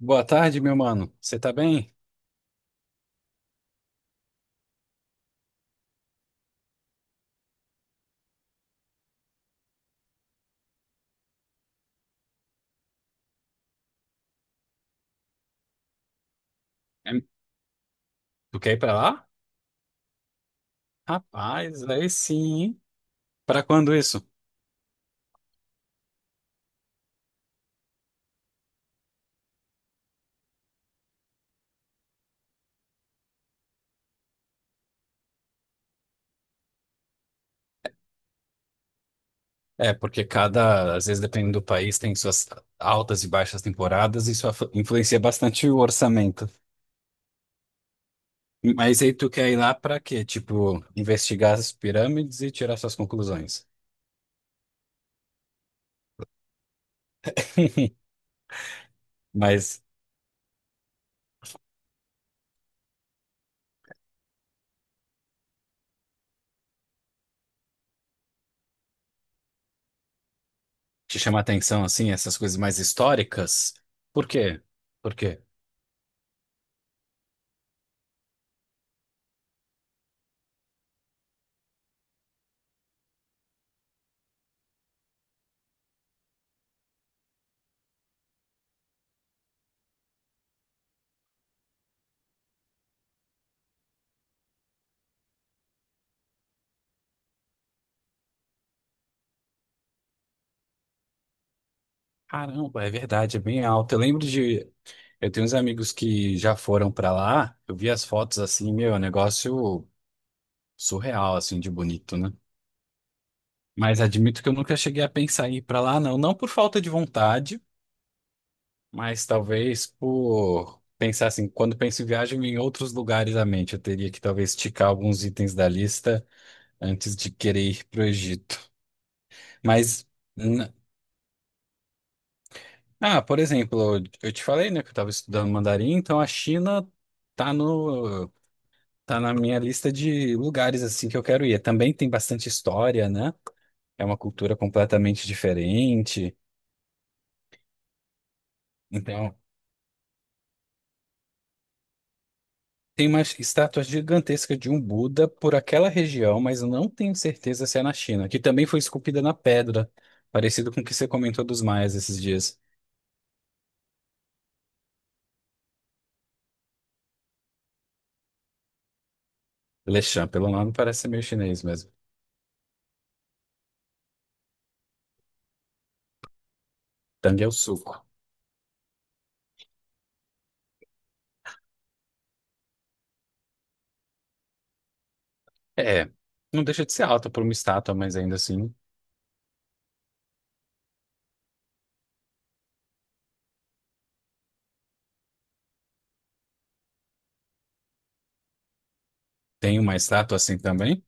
Boa tarde, meu mano. Você tá bem? É, Tu quer ir pra lá? Rapaz, aí sim. Hein? Pra quando isso? Porque às vezes, dependendo do país, tem suas altas e baixas temporadas e isso influencia bastante o orçamento. Mas aí tu quer ir lá pra quê? Tipo, investigar as pirâmides e tirar suas conclusões. Mas te chama a atenção, assim, essas coisas mais históricas? Por quê? Por quê? Caramba, é verdade, é bem alto. Eu lembro de eu tenho uns amigos que já foram pra lá, eu vi as fotos assim, meu, é um negócio surreal, assim, de bonito, né? Mas admito que eu nunca cheguei a pensar em ir pra lá, não. Não por falta de vontade, mas talvez por pensar assim, quando penso em viagem em outros lugares à mente, eu teria que talvez ticar alguns itens da lista antes de querer ir pro Egito. Mas, n- ah, por exemplo, eu te falei, né, que eu estava estudando mandarim, então a China tá no tá na minha lista de lugares assim que eu quero ir. Também tem bastante história, né? É uma cultura completamente diferente. Então, tem uma estátua gigantesca de um Buda por aquela região, mas eu não tenho certeza se é na China, que também foi esculpida na pedra, parecido com o que você comentou dos maias esses dias. Lechã, pelo nome, parece ser meio chinês mesmo. Tang é o suco. É, não deixa de ser alta por uma estátua, mas ainda assim tem uma estátua assim também.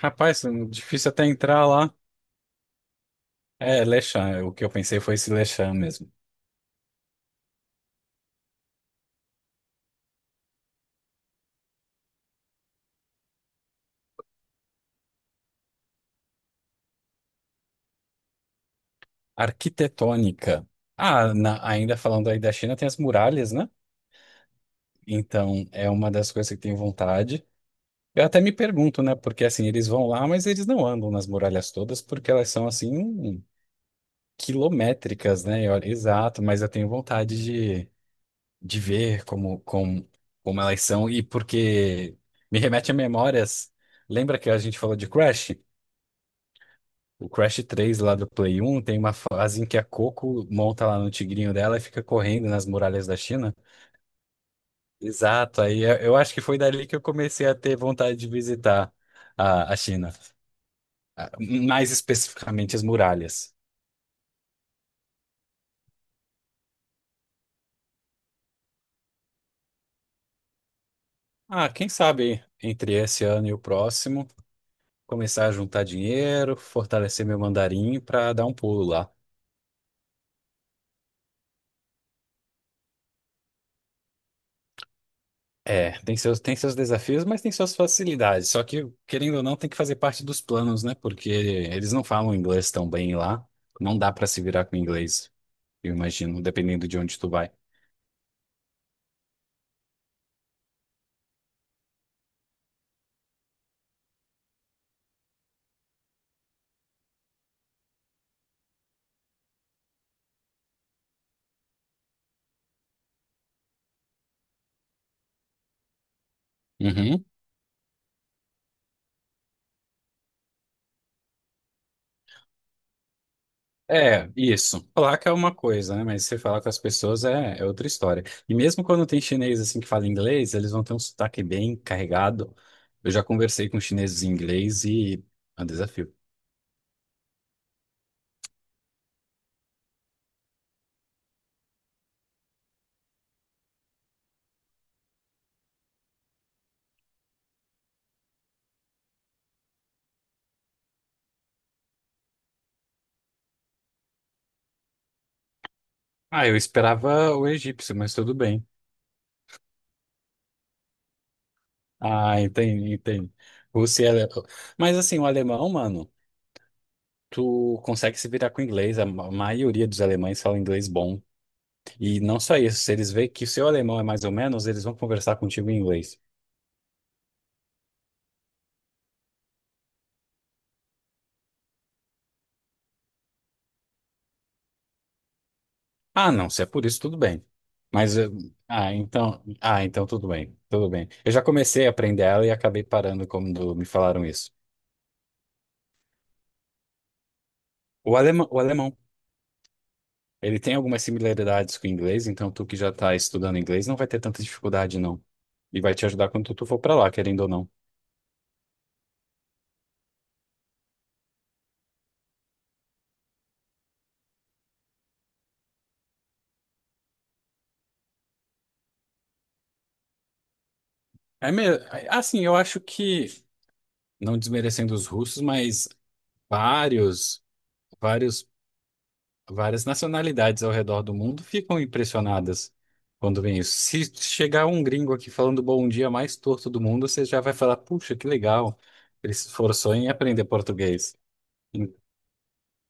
Rapaz, é difícil até entrar lá. É, Lechan, é, o que eu pensei foi esse Lechan mesmo. Arquitetônica. Ah, ainda falando aí da China, tem as muralhas, né? Então, é uma das coisas que tenho vontade. Eu até me pergunto, né? Porque assim, eles vão lá, mas eles não andam nas muralhas todas, porque elas são assim, quilométricas, né? E olha, exato, mas eu tenho vontade de, de ver como, como, como elas são, e porque me remete a memórias. Lembra que a gente falou de Crash? O Crash 3 lá do Play 1 tem uma fase em que a Coco monta lá no tigrinho dela e fica correndo nas muralhas da China. Exato, aí eu acho que foi dali que eu comecei a ter vontade de visitar a China, ah, mais especificamente as muralhas. Ah, quem sabe entre esse ano e o próximo, começar a juntar dinheiro, fortalecer meu mandarim para dar um pulo lá. É, tem seus desafios, mas tem suas facilidades. Só que, querendo ou não, tem que fazer parte dos planos, né? Porque eles não falam inglês tão bem lá. Não dá pra se virar com inglês, eu imagino, dependendo de onde tu vai. Uhum. É, isso. Placa é uma coisa, né? Mas você falar com as pessoas é outra história. E mesmo quando tem chinês assim que fala inglês, eles vão ter um sotaque bem carregado. Eu já conversei com chineses em inglês e é um desafio. Ah, eu esperava o egípcio, mas tudo bem. Ah, entendi, entendi. Você é alemão. Mas assim, o alemão, mano, tu consegue se virar com o inglês. A maioria dos alemães fala inglês bom. E não só isso, se eles veem que o seu alemão é mais ou menos, eles vão conversar contigo em inglês. Ah, não, se é por isso, tudo bem. Mas, eh, então tudo bem, tudo bem. Eu já comecei a aprender ela e acabei parando quando me falaram isso. O alemão. Ele tem algumas similaridades com o inglês, então tu que já tá estudando inglês não vai ter tanta dificuldade, não. E vai te ajudar quando tu for pra lá, querendo ou não. É mesmo, assim, eu acho que, não desmerecendo os russos, mas vários, vários, várias nacionalidades ao redor do mundo ficam impressionadas quando vem isso. Se chegar um gringo aqui falando bom dia mais torto do mundo, você já vai falar, puxa, que legal, ele se esforçou em aprender português. Em-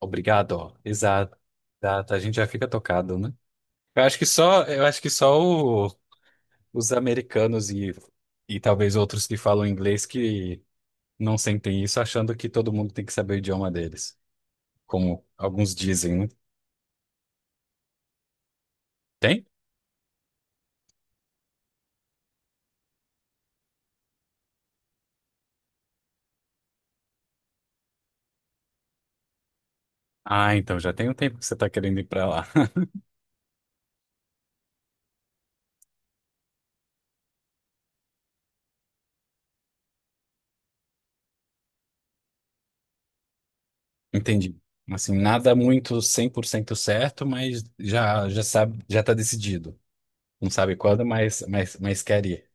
Obrigado, ó. Exato. Exato, a gente já fica tocado, né? Eu acho que só os americanos e talvez outros que falam inglês que não sentem isso, achando que todo mundo tem que saber o idioma deles, como alguns dizem, né? Tem? Ah, então já tem um tempo que você está querendo ir para lá. Entendi. Assim, nada muito 100% certo, mas já já sabe, já está decidido. Não sabe quando, mas quer ir.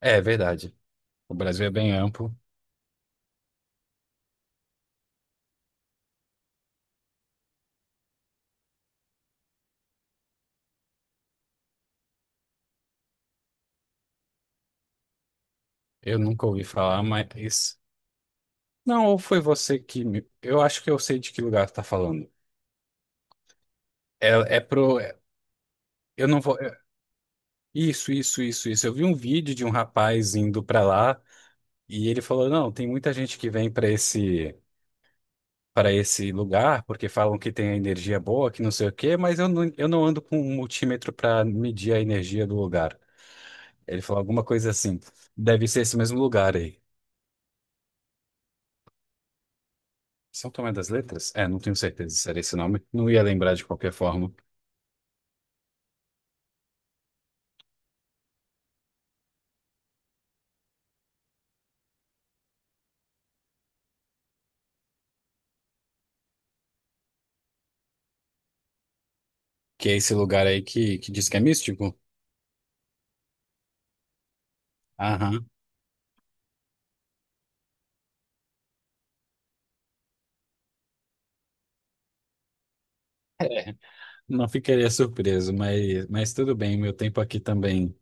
É verdade. O Brasil é bem amplo. Eu nunca ouvi falar, mas não, ou foi você que me. Eu acho que eu sei de que lugar você tá falando. É, é pro. É- Eu não vou. É- Isso, isso, isso, isso. Eu vi um vídeo de um rapaz indo pra lá e ele falou: não, tem muita gente que vem pra esse para esse lugar porque falam que tem a energia boa, que não sei o quê, mas eu não ando com um multímetro pra medir a energia do lugar. Ele falou alguma coisa assim. Deve ser esse mesmo lugar aí. São Tomé das Letras? É, não tenho certeza se era esse nome. Não ia lembrar de qualquer forma. Que é esse lugar aí que diz que é místico. Aham. É. Não ficaria surpreso, mas tudo bem, meu tempo aqui também.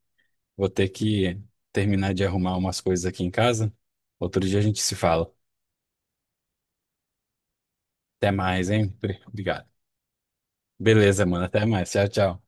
Vou ter que terminar de arrumar umas coisas aqui em casa. Outro dia a gente se fala. Até mais, hein? Obrigado. Beleza, mano. Até mais. Tchau, tchau.